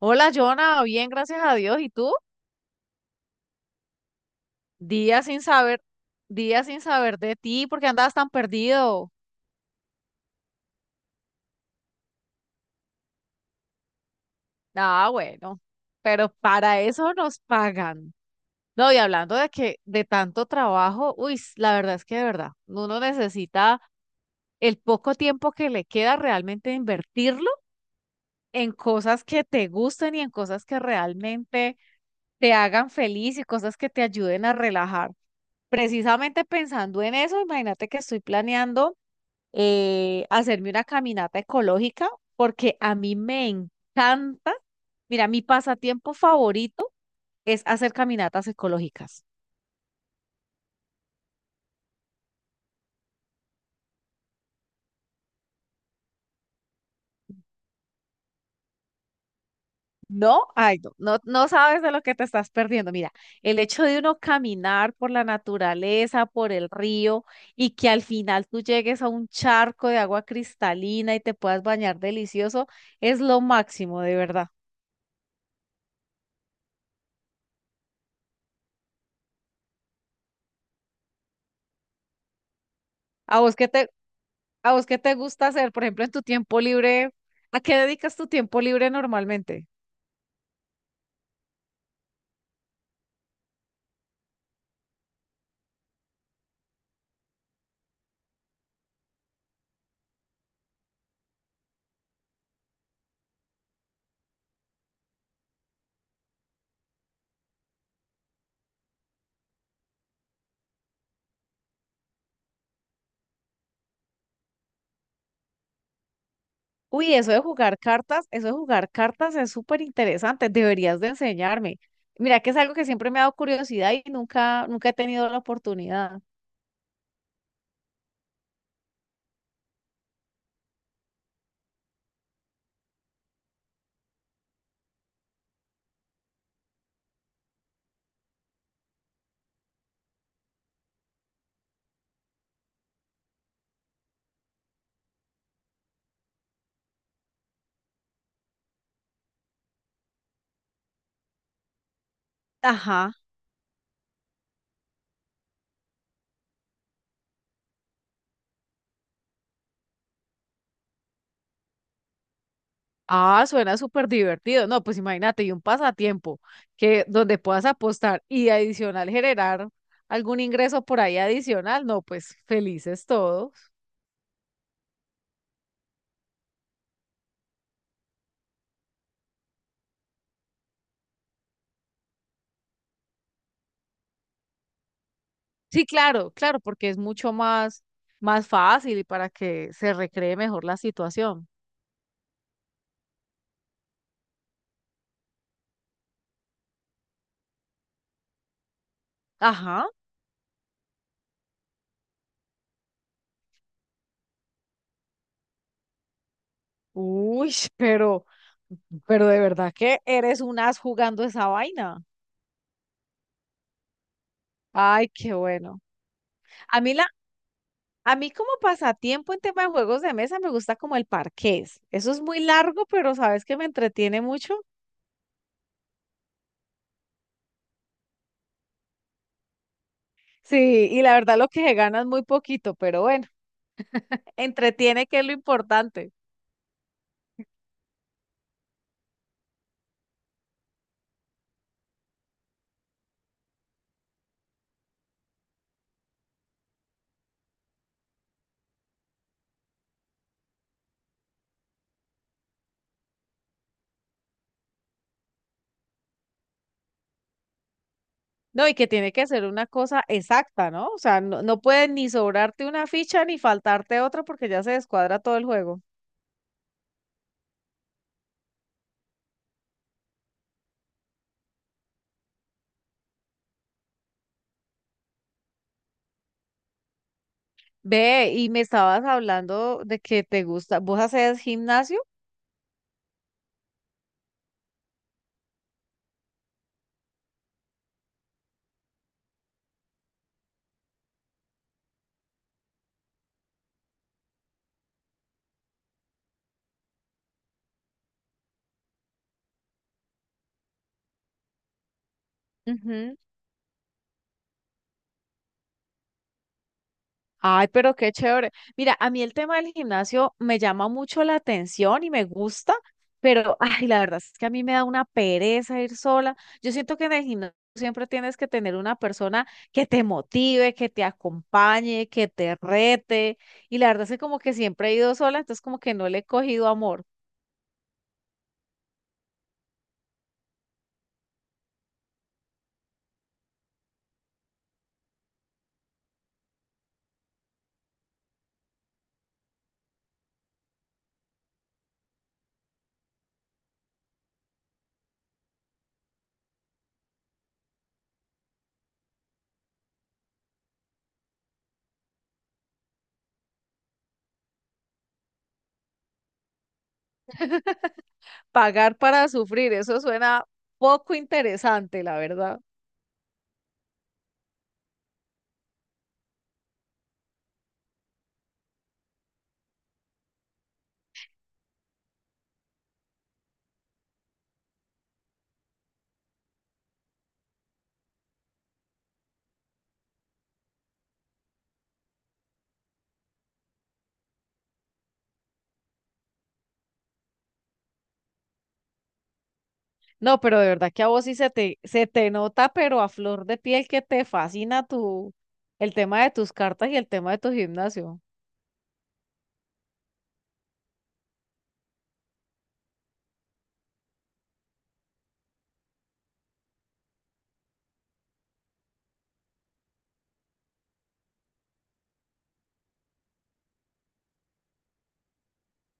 Hola, Jonah, bien, gracias a Dios. ¿Y tú? Días sin saber, días sin saber de ti, porque andabas tan perdido. Ah, bueno, pero para eso nos pagan. No, y hablando de que de tanto trabajo, uy, la verdad es que de verdad, uno necesita el poco tiempo que le queda realmente invertirlo en cosas que te gusten y en cosas que realmente te hagan feliz y cosas que te ayuden a relajar. Precisamente pensando en eso, imagínate que estoy planeando. Hacerme una caminata ecológica, porque a mí me encanta, mira, mi pasatiempo favorito es hacer caminatas ecológicas. No, ay, no, no, no sabes de lo que te estás perdiendo. Mira, el hecho de uno caminar por la naturaleza, por el río, y que al final tú llegues a un charco de agua cristalina y te puedas bañar delicioso, es lo máximo, de verdad. ¿A vos qué te, ¿A vos qué te gusta hacer, por ejemplo, en tu tiempo libre? ¿A qué dedicas tu tiempo libre normalmente? Uy, eso de jugar cartas, eso de jugar cartas es súper interesante, deberías de enseñarme. Mira que es algo que siempre me ha dado curiosidad y nunca, nunca he tenido la oportunidad. Ajá. Ah, suena súper divertido. No, pues imagínate, y un pasatiempo que donde puedas apostar y adicional generar algún ingreso por ahí adicional. No, pues felices todos. Sí, claro, claro, porque es mucho más, más fácil y para que se recree mejor la situación. Ajá. Uy, pero de verdad que eres un as jugando esa vaina. Ay, qué bueno. A mí la, a mí como pasatiempo en tema de juegos de mesa me gusta como el parqués. Eso es muy largo, pero sabes que me entretiene mucho. Sí, y la verdad lo que se gana es muy poquito, pero bueno, entretiene que es lo importante. No, y que tiene que ser una cosa exacta, ¿no? O sea, no, no puede ni sobrarte una ficha ni faltarte otra porque ya se descuadra todo el juego. Ve, y me estabas hablando de que te gusta, ¿vos haces gimnasio? Ujú, ay, pero qué chévere. Mira, a mí el tema del gimnasio me llama mucho la atención y me gusta, pero ay, la verdad es que a mí me da una pereza ir sola. Yo siento que en el gimnasio siempre tienes que tener una persona que te motive, que te acompañe, que te rete. Y la verdad es que como que siempre he ido sola, entonces como que no le he cogido amor. Pagar para sufrir, eso suena poco interesante, la verdad. No, pero de verdad que a vos sí se te nota, pero a flor de piel que te fascina tu, el tema de tus cartas y el tema de tu gimnasio.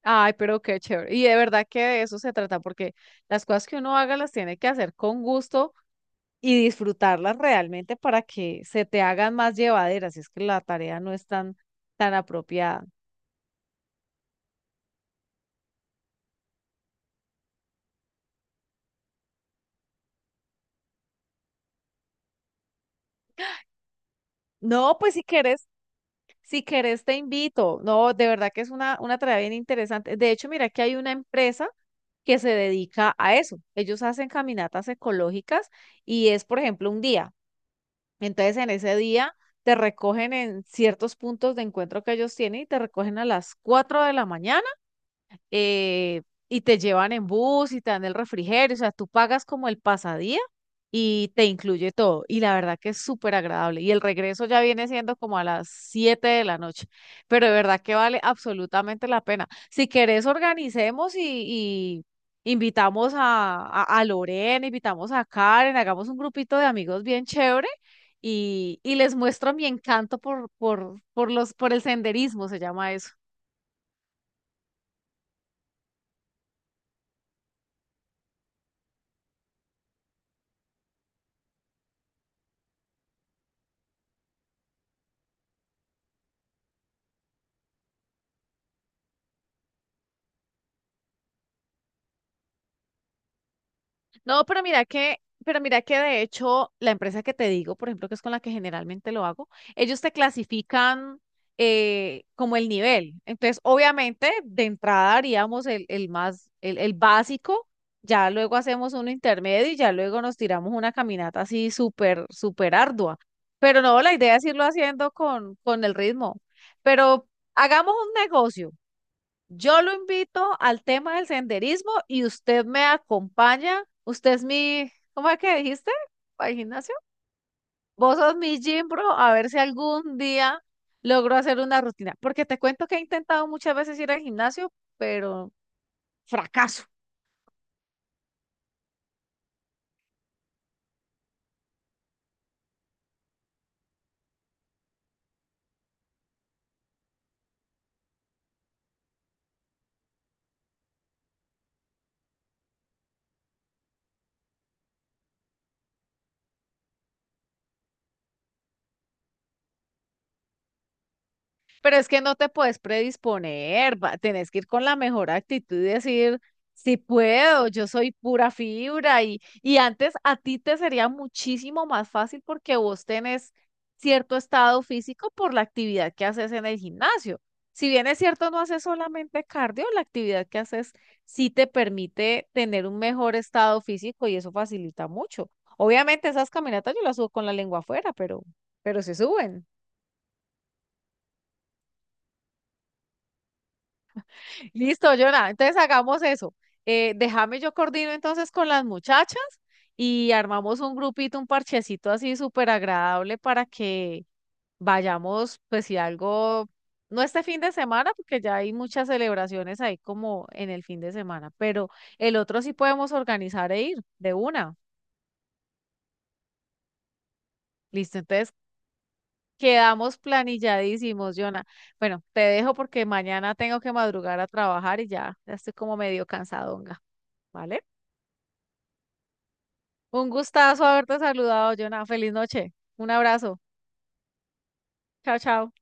Ay, pero qué chévere. Y de verdad que de eso se trata, porque las cosas que uno haga las tiene que hacer con gusto y disfrutarlas realmente para que se te hagan más llevaderas. Es que la tarea no es tan, tan apropiada. No, pues si quieres, si querés, te invito. No, de verdad que es una tarea bien interesante. De hecho, mira que hay una empresa que se dedica a eso. Ellos hacen caminatas ecológicas y es, por ejemplo, un día. Entonces, en ese día te recogen en ciertos puntos de encuentro que ellos tienen y te recogen a las 4 de la mañana eh, y te llevan en bus y te dan el refrigerio, o sea, tú pagas como el pasadía y te incluye todo. Y la verdad que es súper agradable. Y el regreso ya viene siendo como a las 7 de la noche, pero de verdad que vale absolutamente la pena. Si querés, organicemos y invitamos a Lorena, invitamos a Karen, hagamos un grupito de amigos bien chévere y les muestro mi encanto por el senderismo, se llama eso. No, pero mira que de hecho la empresa que te digo, por ejemplo, que es con la que generalmente lo hago, ellos te clasifican como el nivel. Entonces, obviamente, de entrada haríamos el básico, ya luego hacemos un intermedio y ya luego nos tiramos una caminata así súper, súper ardua. Pero no, la idea es irlo haciendo con el ritmo. Pero hagamos un negocio. Yo lo invito al tema del senderismo y usted me acompaña. Usted es mi, ¿cómo es que dijiste? ¿Para el gimnasio? Vos sos mi gym bro, a ver si algún día logro hacer una rutina. Porque te cuento que he intentado muchas veces ir al gimnasio, pero fracaso. Pero es que no te puedes predisponer, tenés que ir con la mejor actitud y decir, si puedo, yo soy pura fibra y antes a ti te sería muchísimo más fácil porque vos tenés cierto estado físico por la actividad que haces en el gimnasio. Si bien es cierto, no haces solamente cardio, la actividad que haces sí te permite tener un mejor estado físico y eso facilita mucho. Obviamente esas caminatas yo las subo con la lengua afuera, pero se suben. Listo, Jonah. Entonces hagamos eso. Déjame yo coordino entonces con las muchachas y armamos un grupito, un parchecito así súper agradable para que vayamos, pues si algo, no este fin de semana, porque ya hay muchas celebraciones ahí como en el fin de semana, pero el otro sí podemos organizar e ir de una. Listo, entonces quedamos planilladísimos, Jonah. Bueno, te dejo porque mañana tengo que madrugar a trabajar y ya, ya estoy como medio cansadonga, ¿vale? Un gustazo haberte saludado, Jonah. Feliz noche. Un abrazo. Chao, chao.